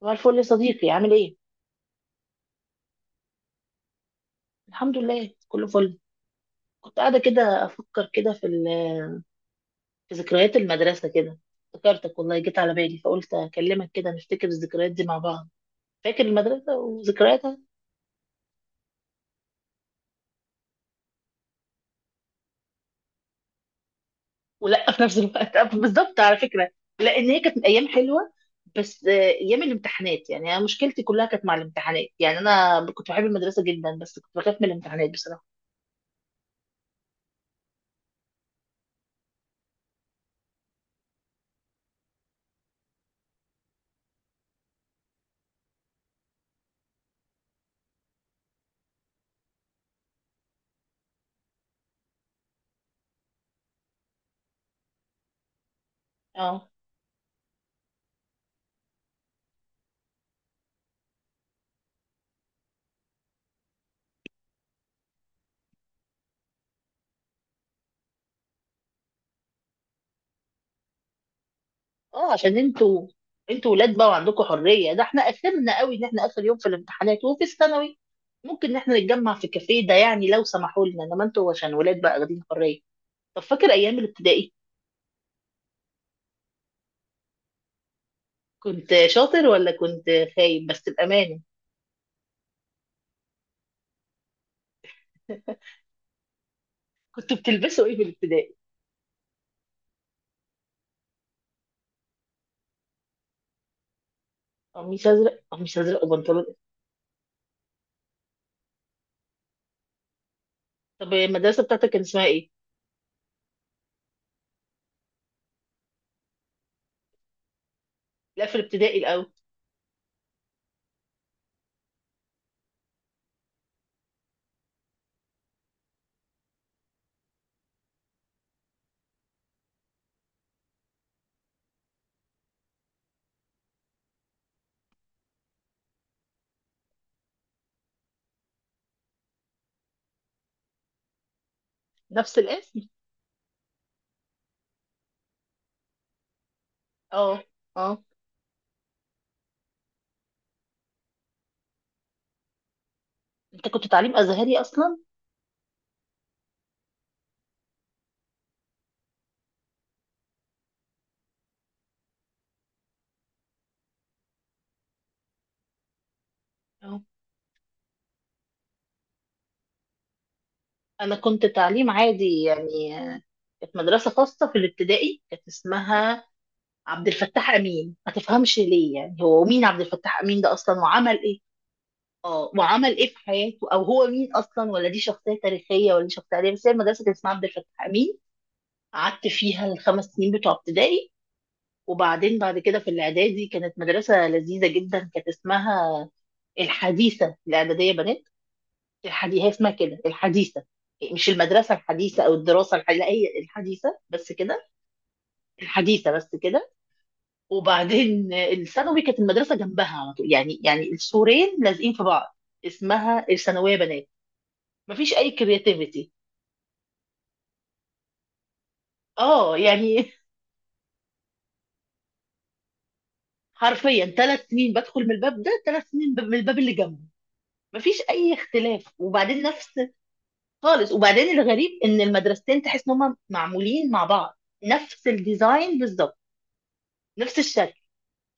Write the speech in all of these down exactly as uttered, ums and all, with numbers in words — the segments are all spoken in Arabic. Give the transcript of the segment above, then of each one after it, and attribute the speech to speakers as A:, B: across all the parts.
A: صباح الفل يا صديقي، عامل ايه؟ الحمد لله كله فل. كنت قاعدة كده أفكر كده في, ال- في ذكريات المدرسة كده. افتكرتك والله، جيت على بالي فقلت أكلمك كده نفتكر الذكريات دي مع بعض. فاكر المدرسة وذكرياتها؟ ولا في نفس الوقت أه، بالظبط على فكرة. لأن هي كانت أيام حلوة، بس آه، أيام الامتحانات، يعني أنا مشكلتي كلها كانت مع الامتحانات. يعني أنا كنت بحب المدرسة جدا، بس كنت بخاف من الامتحانات بصراحة. اه. اه، عشان انتوا انتوا ولاد بقى وعندكم حريه. ده احنا اخرنا قوي ان احنا اخر يوم في الامتحانات وفي الثانوي ممكن ان احنا نتجمع في كافيه، ده يعني لو سمحوا لنا، انما انتوا عشان ولاد بقى واخدين حريه. طب فاكر ايام الابتدائي؟ كنت شاطر ولا كنت خايب؟ بس بامانه. كنتوا بتلبسوا ايه في الابتدائي؟ قميص ازرق، قميص ازرق وبنطلون. طب المدرسه بتاعتك كان اسمها ايه؟ لا، في الابتدائي الاول. نفس الاسم. اه. اه. انت كنت تعليم ازهري اصلا؟ انا كنت تعليم عادي، يعني آه، كانت مدرسه خاصه في الابتدائي، كانت اسمها عبد الفتاح امين. ما تفهمش ليه، يعني هو مين عبد الفتاح امين ده اصلا وعمل ايه؟ اه، وعمل ايه في حياته، او هو مين اصلا؟ ولا دي شخصيه تاريخيه ولا دي شخصيه عادية؟ بس هي المدرسه كانت اسمها عبد الفتاح امين. قعدت فيها الخمس سنين بتوع ابتدائي. وبعدين بعد كده في الاعدادي كانت مدرسه لذيذه جدا، كانت اسمها الحديثه الاعداديه بنات. الحديث، هي اسمها كده الحديثة. مش المدرسة الحديثة أو الدراسة الحديثة، لا، هي الحديثة بس كده. الحديثة بس كده. وبعدين الثانوي كانت المدرسة جنبها على طول، يعني يعني السورين لازقين في بعض. اسمها الثانوية بنات. مفيش أي كرياتيفيتي. اه يعني، حرفيا ثلاث سنين بدخل من الباب ده، ثلاث سنين من الباب اللي جنبه. مفيش أي اختلاف، وبعدين نفس خالص. وبعدين الغريب إن المدرستين تحس إن هما معمولين مع بعض، نفس الديزاين بالظبط، نفس الشكل.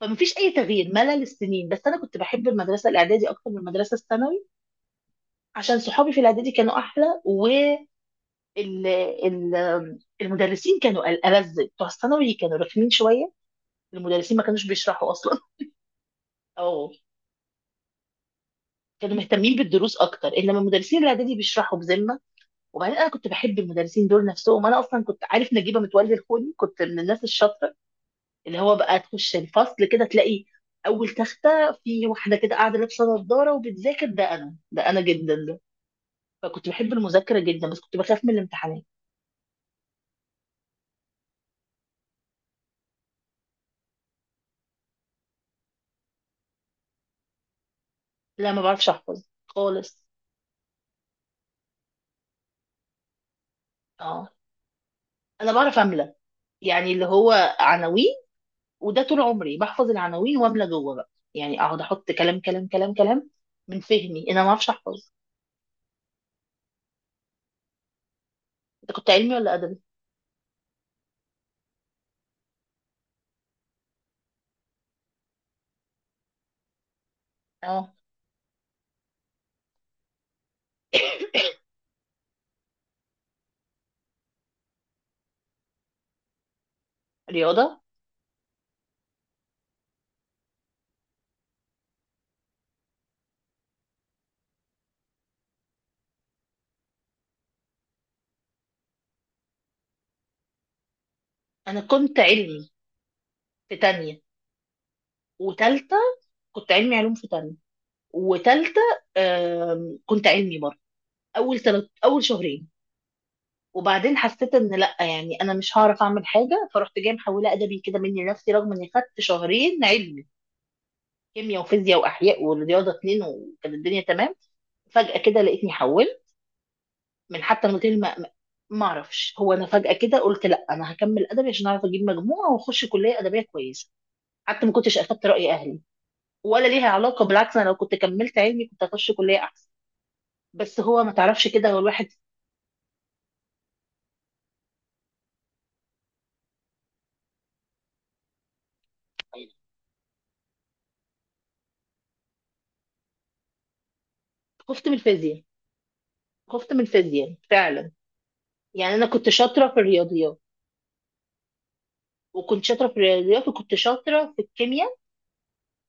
A: فمفيش اي تغيير، ملل السنين. بس انا كنت بحب المدرسه الاعدادي اكتر من المدرسه الثانوي، عشان صحابي في الاعدادي كانوا احلى، والمدرسين كانوا ال- ألذ. بتوع الثانوي كانوا رخمين شويه، المدرسين ما كانوش بيشرحوا اصلا. او كانوا مهتمين بالدروس اكتر، انما مدرسين الاعدادي بيشرحوا بذمه. وبعدين انا كنت بحب المدرسين دول نفسهم. انا اصلا كنت عارف نجيبه متولي الخوني، كنت من الناس الشاطره اللي هو بقى تخش الفصل كده تلاقي اول تختة في واحدة كده قاعدة لابسة نظارة وبتذاكر. ده انا، ده انا جدا ده. فكنت بحب المذاكرة جدا، بس كنت بخاف من الامتحانات. لا، ما بعرفش احفظ خالص. اه. انا بعرف املى، يعني اللي هو عناوين. وده طول عمري بحفظ العناوين، واملى جوه بقى، يعني اقعد احط كلام كلام كلام كلام من فهمي. انا ما اعرفش احفظ. انت كنت علمي ولا ادبي؟ اه. رياضة. انا كنت علمي في تانية وتالتة. كنت علمي علوم في تانية وتالتة. آم، كنت علمي برضه أول تلت، أول شهرين، وبعدين حسيت إن لأ، يعني أنا مش هعرف أعمل حاجة. فرحت جاية محولة أدبي كده مني لنفسي، رغم إني خدت شهرين علمي، كيمياء وفيزياء وأحياء ورياضة اتنين، وكانت الدنيا تمام. فجأة كده لقيتني حولت من، حتى أنا قلت لهم، ما ما أعرفش. هو أنا فجأة كده قلت لأ، أنا هكمل أدبي عشان أعرف أجيب مجموعة وأخش كلية أدبية كويسة. حتى ما كنتش أخدت رأي أهلي. ولا ليها علاقة، بالعكس، أنا لو كنت كملت علمي كنت هخش كلية أحسن. بس هو ما تعرفش كده هو الواحد. خفت من الفيزياء، خفت من الفيزياء فعلا. يعني انا كنت شاطره في الرياضيات، وكنت شاطره في الرياضيات وكنت شاطره في الكيمياء،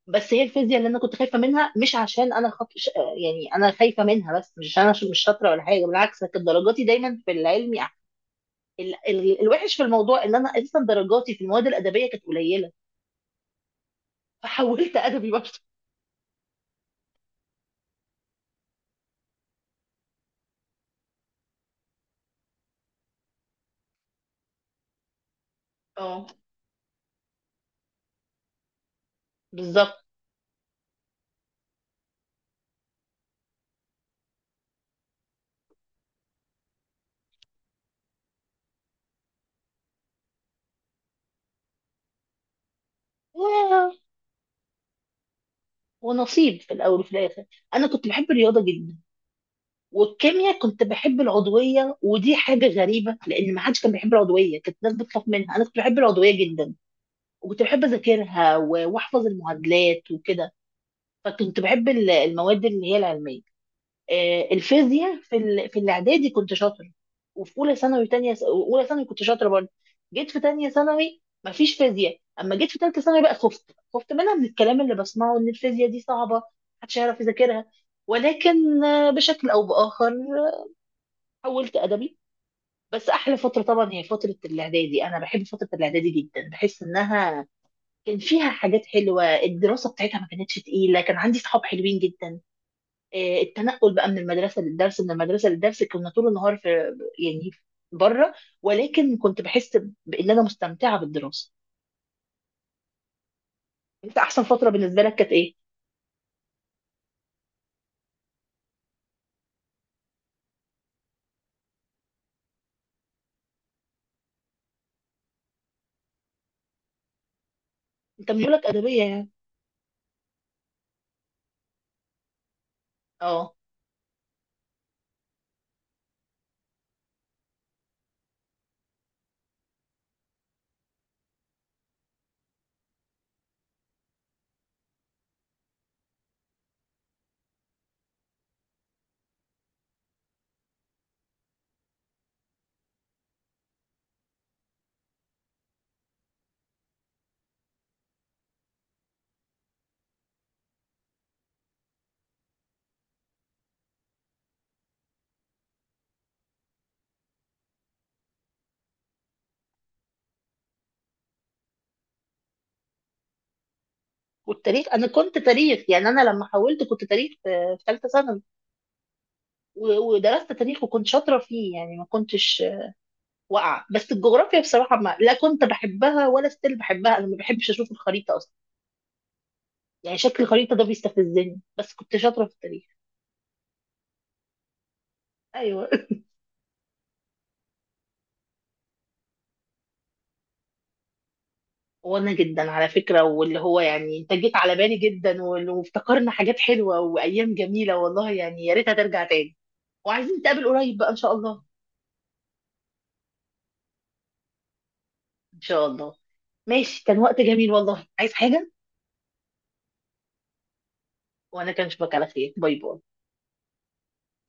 A: بس هي الفيزياء اللي انا كنت خايفه منها. مش عشان انا خط... ش- يعني انا خايفه منها، بس مش عشان انا ش- مش شاطره ولا حاجه، بالعكس، أنا كانت درجاتي دايما في العلمي أح- ال... ال... الوحش في الموضوع ان انا اساسا درجاتي في المواد الادبيه كانت قليله. فحولت ادبي برضه. اه بالظبط. و... ونصيب في الاول وفي الاخر. انا كنت بحب الرياضه جدا، والكيمياء كنت بحب العضويه. ودي حاجه غريبه، لان ما حدش كان بيحب العضويه، كانت الناس بتخاف منها. انا كنت بحب العضويه جدا، وكنت بحب اذاكرها و- واحفظ المعادلات وكده. فكنت بحب ال- المواد اللي هي العلميه. آه، الفيزياء في ال- في الاعدادي كنت شاطر، وفي اولى ثانوي تانية س- اولى ثانوي كنت شاطره برضه. جيت في تانية ثانوي مفيش فيزياء، اما جيت في تالتة ثانوي بقى خفت، خفت منها من الكلام اللي بسمعه ان الفيزياء دي صعبه، محدش هيعرف يذاكرها. ولكن آه، بشكل او باخر حولت ادبي. بس احلى فتره طبعا هي فتره الاعدادي. انا بحب فتره الاعدادي جدا، بحس انها كان فيها حاجات حلوه. الدراسه بتاعتها ما كانتش تقيله، كان عندي صحاب حلوين جدا. آه، التنقل بقى من المدرسه للدرس، من المدرسه للدرس، كنا طول النهار في، يعني، بره. ولكن كنت بحس بان انا مستمتعه بالدراسه. انت احسن فتره بالنسبه لك كانت ايه؟ انت ميولك ادبيه يعني. اه. والتاريخ، انا كنت تاريخ، يعني انا لما حولت كنت تاريخ. آه، في ثالثه ثانوي و- ودرست تاريخ وكنت شاطره فيه، يعني ما كنتش وقع. بس الجغرافيا بصراحة ما، لا كنت بحبها ولا ستيل بحبها. أنا ما بحبش أشوف الخريطة أصلا، يعني شكل الخريطة ده بيستفزني. بس كنت شاطرة في التاريخ. أيوه. وأنا جدا على فكرة، واللي هو يعني أنت جيت على بالي جدا، وال- وافتكرنا حاجات حلوة وأيام جميلة، والله يعني يا ريتها ترجع تاني. وعايزين نتقابل قريب بقى إن شاء الله. إن شاء الله. ماشي، كان وقت جميل والله، عايز حاجة؟ وأنا كان أشوفك على خير، باي باي.